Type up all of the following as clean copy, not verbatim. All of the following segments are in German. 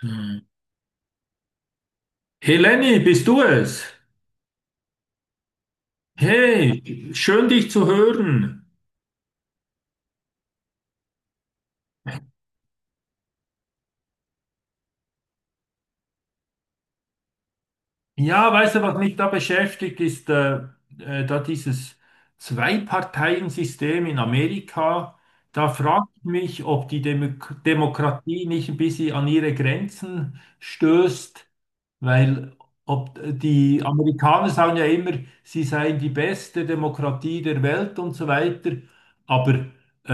Hm. Helene, bist du es? Hey, schön dich zu hören. Ja, weißt du, was mich da beschäftigt, ist da dieses Zwei-Parteien-System in Amerika. Da frage ich mich, ob die Demokratie nicht ein bisschen an ihre Grenzen stößt, weil ob die Amerikaner sagen ja immer, sie seien die beste Demokratie der Welt und so weiter. Aber äh,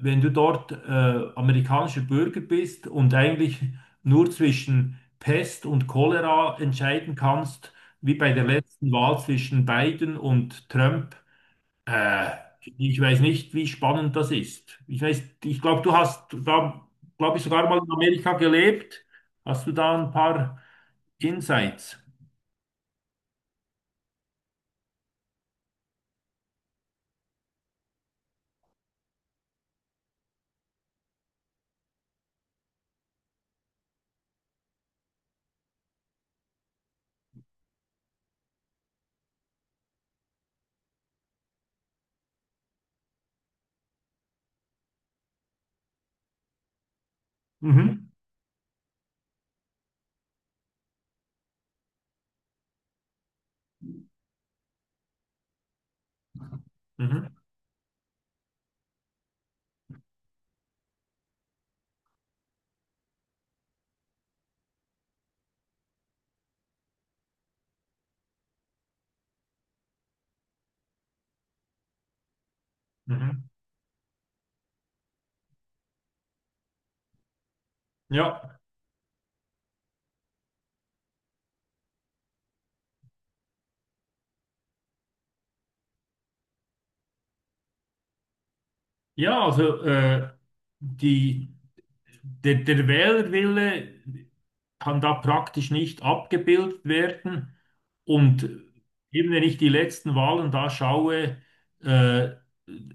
wenn du dort amerikanischer Bürger bist und eigentlich nur zwischen Pest und Cholera entscheiden kannst, wie bei der letzten Wahl zwischen Biden und Trump. Äh, Ich weiß nicht, wie spannend das ist. Ich weiß, ich glaube, du hast da, glaube ich, sogar mal in Amerika gelebt. Hast du da ein paar Insights? Mhm. Mhm. Mhm. Ja. Ja, also die. der Wählerwille kann da praktisch nicht abgebildet werden. Und eben wenn ich die letzten Wahlen da schaue, äh,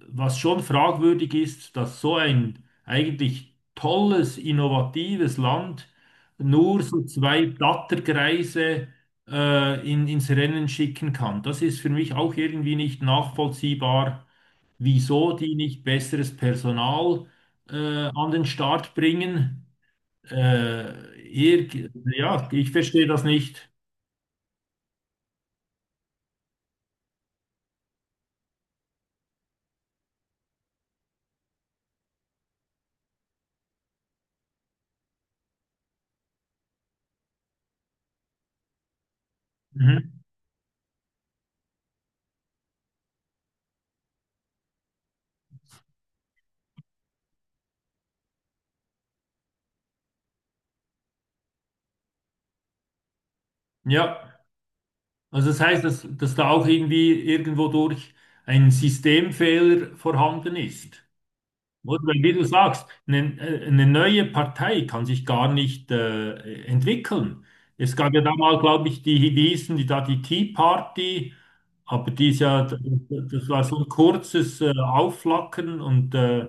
was schon fragwürdig ist, dass so ein eigentlich tolles, innovatives Land nur so zwei Blattergreise ins Rennen schicken kann. Das ist für mich auch irgendwie nicht nachvollziehbar, wieso die nicht besseres Personal äh, an den Start bringen. Äh, irg- ja, ich verstehe das nicht. Mhm. Ja, also das heißt, dass da auch irgendwie irgendwo durch ein Systemfehler vorhanden ist. Oder weil, wie du sagst, eine neue Partei kann sich gar nicht entwickeln. Es gab ja da mal, glaube ich, die, die hießen, die da die Tea Party, aber die ist ja, das war so ein kurzes Aufflackern und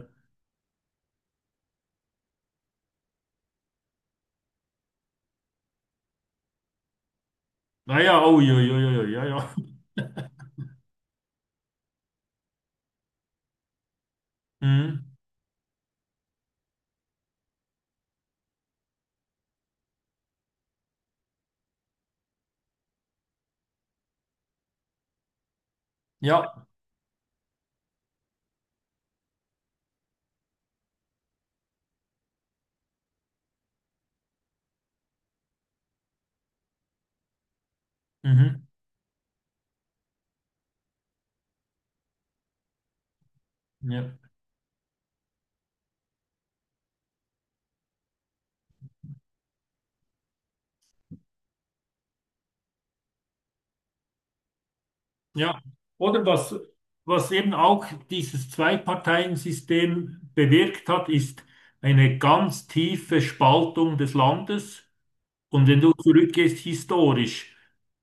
naja, oh, ja, ja, ja, ja, ja. Mhm. Ja, mhm. Ja. Ja. Oder was eben auch dieses Zwei-Parteien-System bewirkt hat, ist eine ganz tiefe Spaltung des Landes. Und wenn du zurückgehst historisch,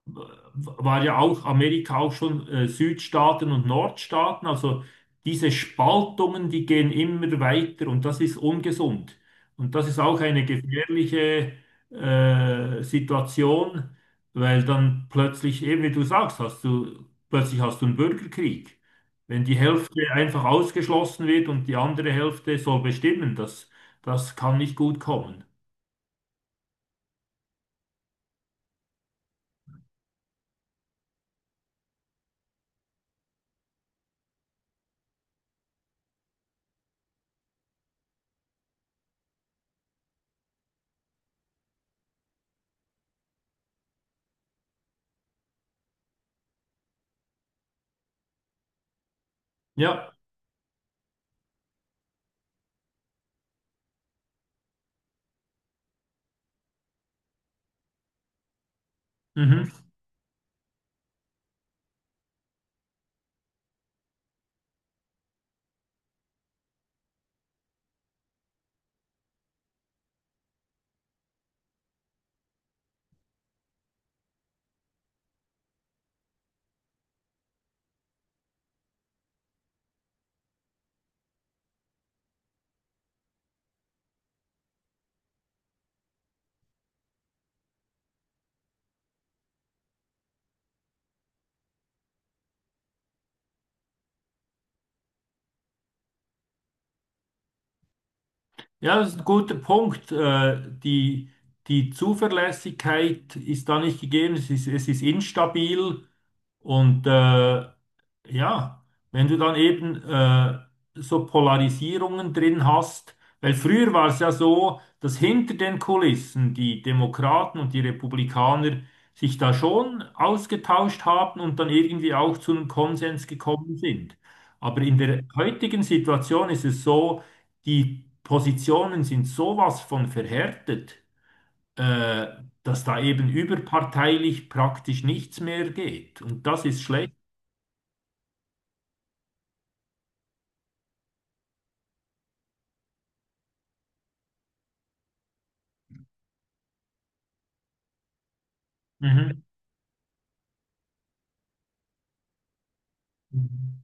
w- war ja auch Amerika auch schon Südstaaten und Nordstaaten. Also diese Spaltungen, die gehen immer weiter und das ist ungesund. Und das ist auch eine gefährliche Situation, weil dann plötzlich, eben wie du sagst, plötzlich hast du einen Bürgerkrieg. Wenn die Hälfte einfach ausgeschlossen wird und die andere Hälfte soll bestimmen, das kann nicht gut kommen. Ja. Mhm. Ja, das ist ein guter Punkt. Die Zuverlässigkeit ist da nicht gegeben, es ist instabil und ja, wenn du dann eben so Polarisierungen drin hast, weil früher war es ja so, dass hinter den Kulissen die Demokraten und die Republikaner sich da schon ausgetauscht haben und dann irgendwie auch zu einem Konsens gekommen sind. Aber in der heutigen Situation ist es so, die Positionen sind sowas von verhärtet, äh, dass da eben überparteilich praktisch nichts mehr geht. Und das ist schlecht. Mhm. Mhm.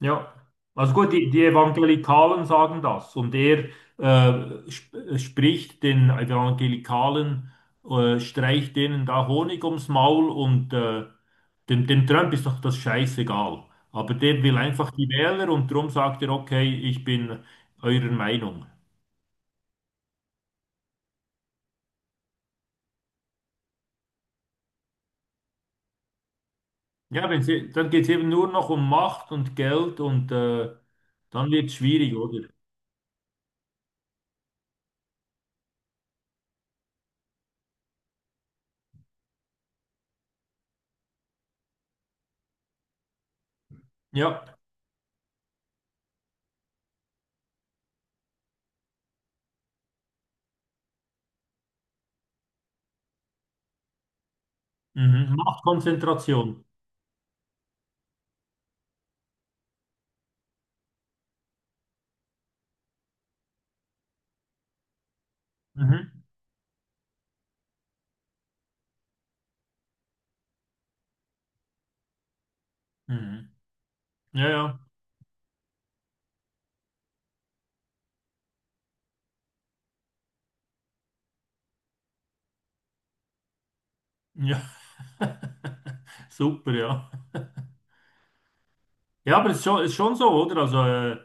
Ja, also gut, die Evangelikalen sagen das und er sp spricht den Evangelikalen, streicht denen da Honig ums Maul und dem Trump ist doch das scheißegal. Aber der will einfach die Wähler und darum sagt er, okay, ich bin eurer Meinung. Ja, dann geht es eben nur noch um Macht und Geld und dann wird es schwierig, oder? Ja, mhm. Machtkonzentration. Mhm. Mhm. Ja, ja. Ja. Super, ja. Ja, aber es ist schon so, oder? Also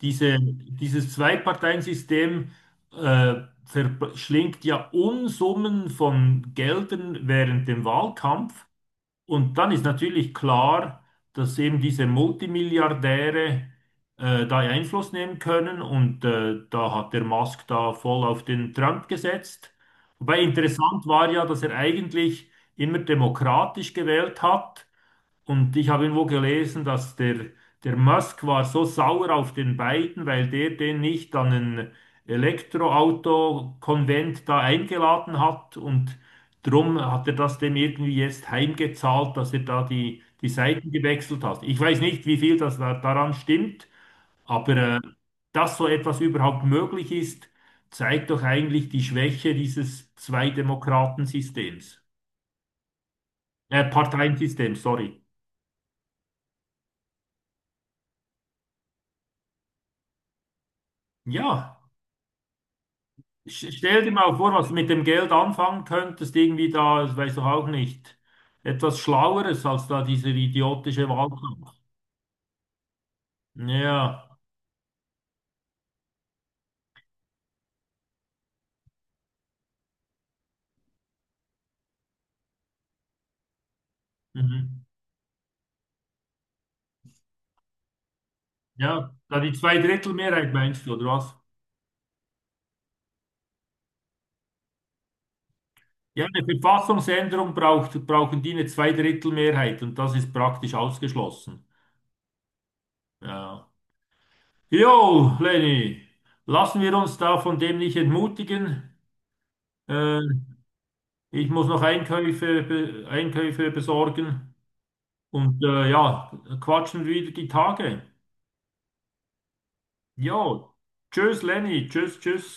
dieses Zwei-Parteien-System äh, verschlingt ja Unsummen von Geldern während dem Wahlkampf. Und dann ist natürlich klar, dass eben diese Multimilliardäre da Einfluss nehmen können und da hat der Musk da voll auf den Trump gesetzt. Wobei interessant war ja, dass er eigentlich immer demokratisch gewählt hat und ich habe irgendwo gelesen, dass der Musk war so sauer auf den Biden, weil der den nicht an ein Elektroauto-Konvent da eingeladen hat. Und drum hat er das dem irgendwie jetzt heimgezahlt, dass er da die Seiten gewechselt hat. Ich weiß nicht, wie viel daran stimmt, aber dass so etwas überhaupt möglich ist, zeigt doch eigentlich die Schwäche dieses Zwei-Demokraten-Systems. Parteiensystems, sorry. Ja. Stell dir mal vor, was du mit dem Geld anfangen könntest, irgendwie da, das weiß doch auch nicht, etwas Schlaueres als da diese idiotische Wahlkampf. Ja, mhm. Ja, da die Zweidrittelmehrheit meinst du, oder was? Ja, eine Verfassungsänderung brauchen die eine Zweidrittelmehrheit und das ist praktisch ausgeschlossen. Ja. Jo, Lenny, lassen wir uns da von dem nicht entmutigen. Äh, Ich muss noch Einkäufe besorgen. Und ja, quatschen wieder die Tage. Jo, tschüss Lenny, tschüss, tschüss.